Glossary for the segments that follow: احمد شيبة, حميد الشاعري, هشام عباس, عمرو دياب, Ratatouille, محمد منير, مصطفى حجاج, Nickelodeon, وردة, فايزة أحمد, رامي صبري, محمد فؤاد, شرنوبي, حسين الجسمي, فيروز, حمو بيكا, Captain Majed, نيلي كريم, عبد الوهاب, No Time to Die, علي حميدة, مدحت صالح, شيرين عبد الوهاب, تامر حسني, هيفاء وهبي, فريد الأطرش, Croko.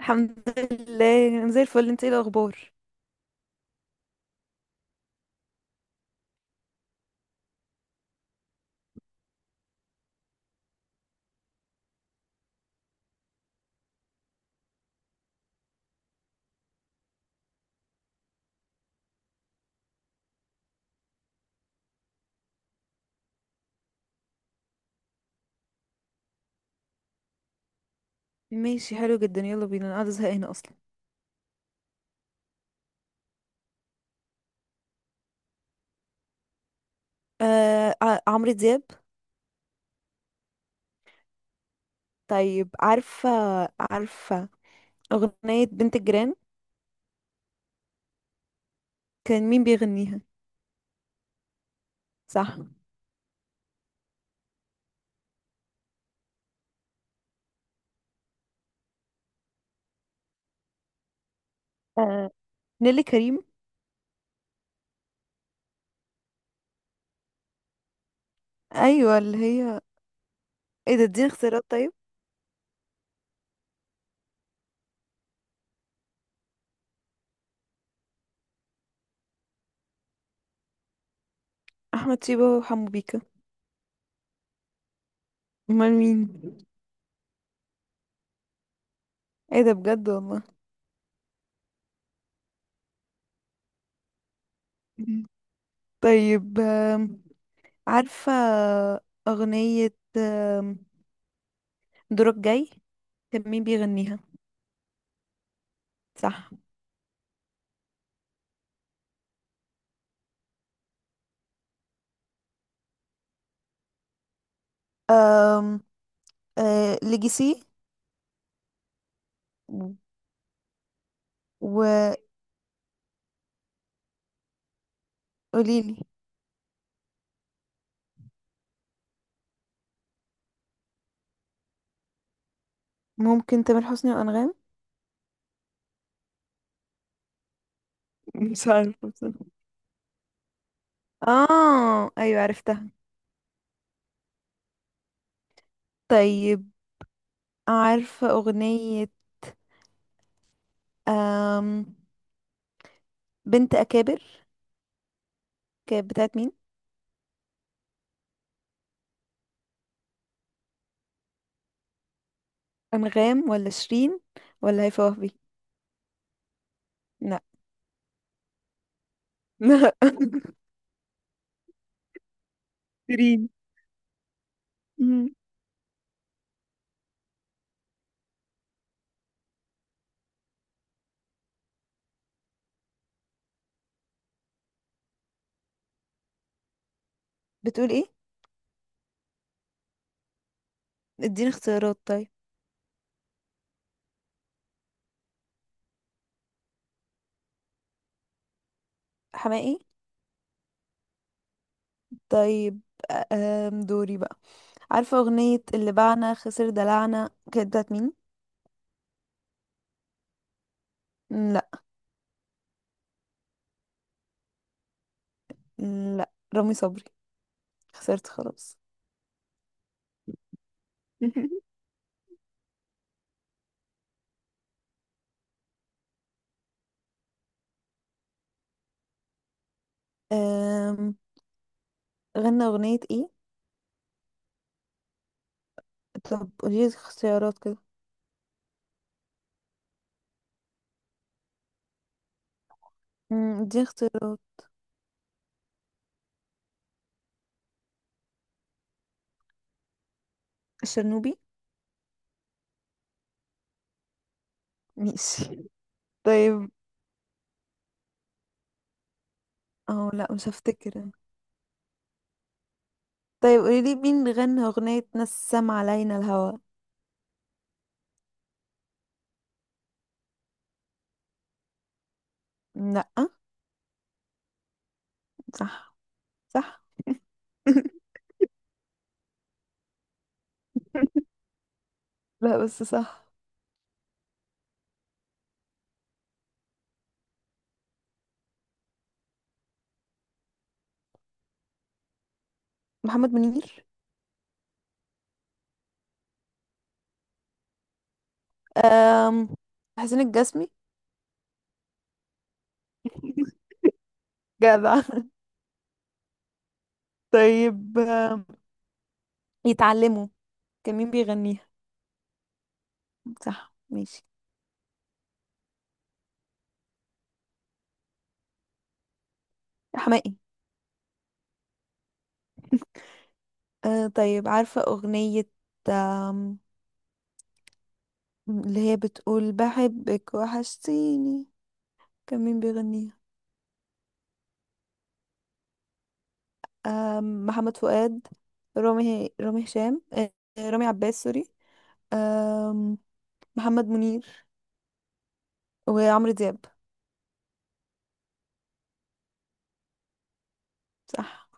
الحمد لله، انا زي الفل. انت ايه الاخبار؟ ماشي، حلو جدا، يلا بينا، انا قاعده زهقانه اصلا. آه، عمرو دياب. طيب، عارفه اغنيه بنت الجيران، كان مين بيغنيها؟ صح. آه، نيلي كريم. ايوه اللي هي. ايه ده؟ اديني اختيارات طيب. احمد شيبة وحمو بيكا. امال مين؟ ايه ده؟ بجد والله. مم. طيب، عارفه اغنيه دورك جاي، كان مين بيغنيها؟ صح. آه، ليجاسي. وقوليلي. ممكن تامر حسني وأنغام. مش عارفة بصراحة. اه، ايوه عرفتها. طيب، عارفة أغنية، أم بنت أكابر، كانت بتاعت مين؟ أنغام ولا شيرين؟ ولا هيفاء وهبي؟ لا. لا. شيرين. مم. بتقول ايه؟ اديني اختيارات طيب. حماقي. طيب، دوري بقى. عارفة أغنية اللي باعنا خسر دلعنا، كانت بتاعت مين؟ لا. لا، رامي صبري. خسرت خلاص. أم... غنى أغنية ايه؟ طب قولي اختيارات كده. دي اختيارات. شرنوبي. ماشي. طيب، اه لا مش هفتكر. طيب قولي لي مين غنى أغنية نسم علينا الهوى؟ لا. صح. صح. لا بس صح. محمد منير. أم... حسين الجسمي. جدع. طيب، يتعلموا، كان مين بيغنيها؟ صح، ماشي. حماقي. طيب، عارفة أغنية آم، اللي هي بتقول بحبك وحشتيني، كان مين بيغنيها؟ محمد فؤاد، رامي هشام، رامي عباس سوري، آم، محمد منير، وعمرو دياب. صح.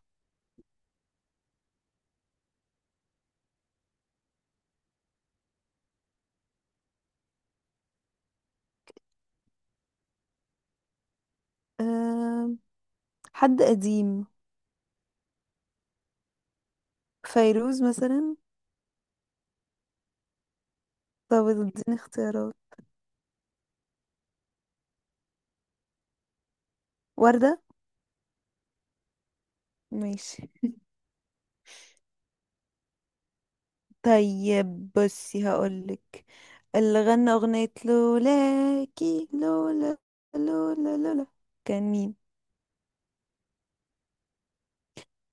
آم، حد قديم. فيروز مثلا. طب اديني اختيارات. وردة. ماشي. طيب، بصي هقولك، اللي غنى أغنية لولاكي لولا لولا لولا، كان مين؟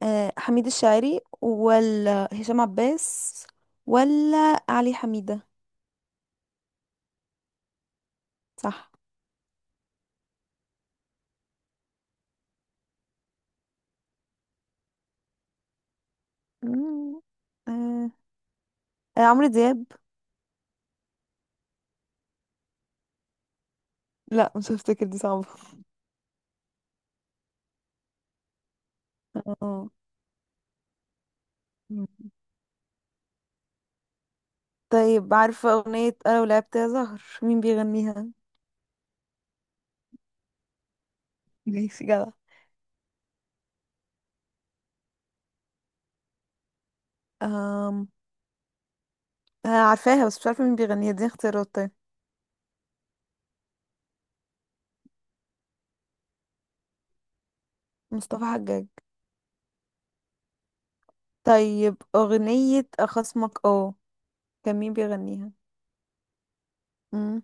آه، حميد الشاعري ولا هشام عباس ولا علي حميدة؟ صح. مم. آه. عمرو دياب. لا مش هفتكر، دي صعبة. اه. مم. طيب، عارفة أغنية أنا ولعبت يا زهر، مين بيغنيها؟ ماشي، جدع. أم... آه، عارفاها بس مش عارفة مين بيغنيها. دي اختيارات طيب. مصطفى حجاج. طيب، أغنية أخصمك، كان مين بيغنيها؟ مم.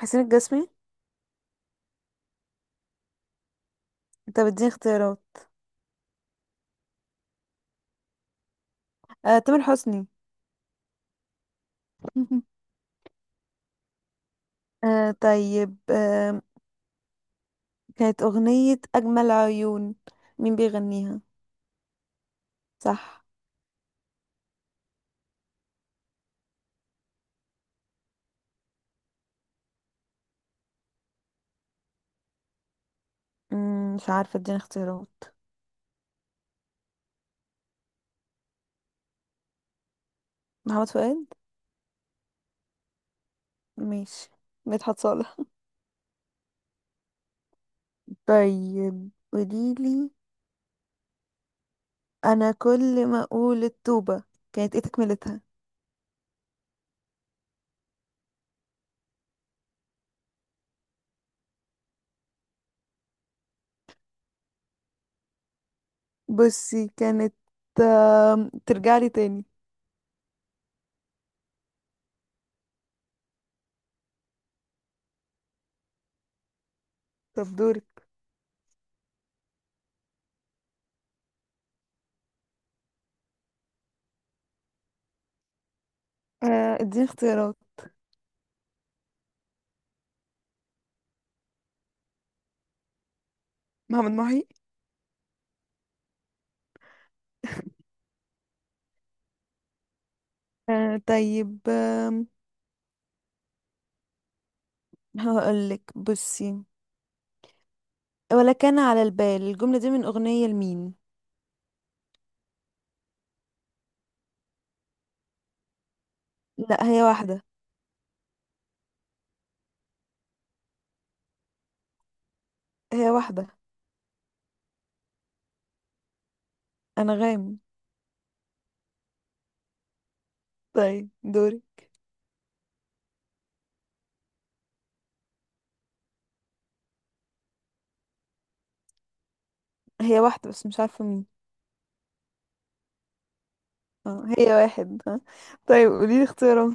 حسين الجسمي. انت بتديني اختيارات؟ تامر حسني. طيب، كانت أغنية أجمل عيون، مين بيغنيها؟ صح. مش عارفة، اديني اختيارات. محمد فؤاد. ماشي، مدحت صالح. طيب قوليلي، أنا كل ما أقول التوبة كانت ايه تكملتها؟ بصي كانت ترجعلي تاني. طب دورك. اديني اختيارات. محمد محي. طيب، هقولك بصي. ولا كان على البال، الجملة دي من أغنية لمين؟ لا، هي واحدة. هي واحدة. أنغام. طيب دوري. هي واحدة بس مش عارفة مين. اه، هي واحد، ها. طيب قوليلي اختيارات.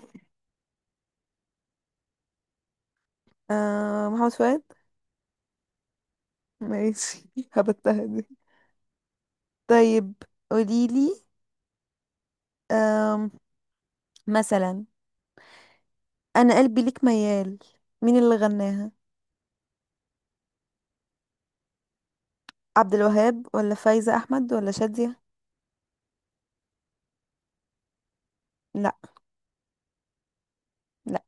محمد فؤاد. ماشي. هبتها دي. طيب قوليلي آم، مثلا أنا قلبي ليك ميال، مين اللي غناها؟ عبد الوهاب ولا فايزة أحمد ولا شادية؟ لا. لا.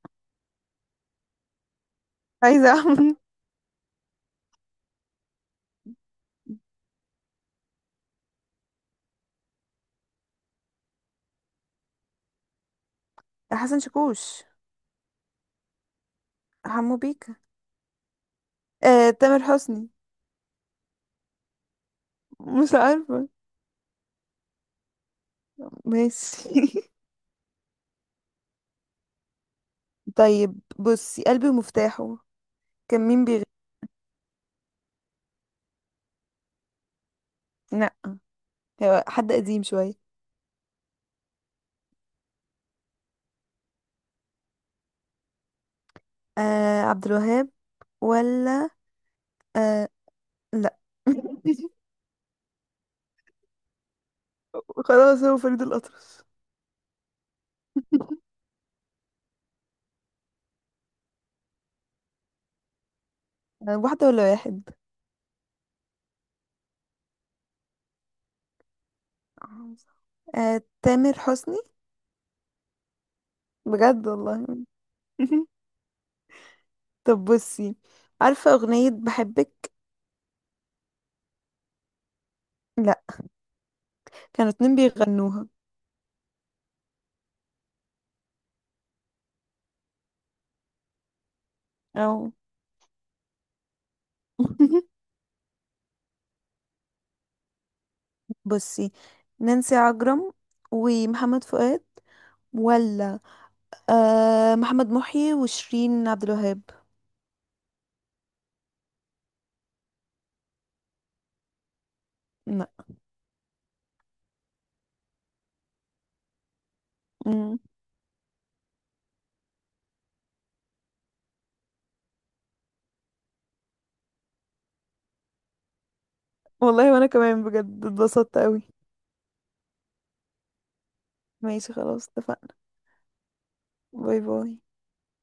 عايزة أعمل. حسن شاكوش. حمو بيكا. تامر حسني. مش عارفة. ماشي. طيب بصي، قلبي ومفتاحه، كان مين بيغني؟ لا. هو حد قديم شوية. عبد الوهاب، ولا. آه، لا. خلاص، هو فريد الأطرش. واحدة ولا واحد؟ تامر حسني. بجد والله. طب بصي، عارفة أغنية بحبك. لا. كانوا اتنين بيغنوها. أو. بصي، نانسي عجرم ومحمد فؤاد، ولا محمد محي وشيرين عبد الوهاب؟ لا. مم. والله، وانا كمان بجد اتبسطت قوي. ماشي، خلاص اتفقنا. باي باي.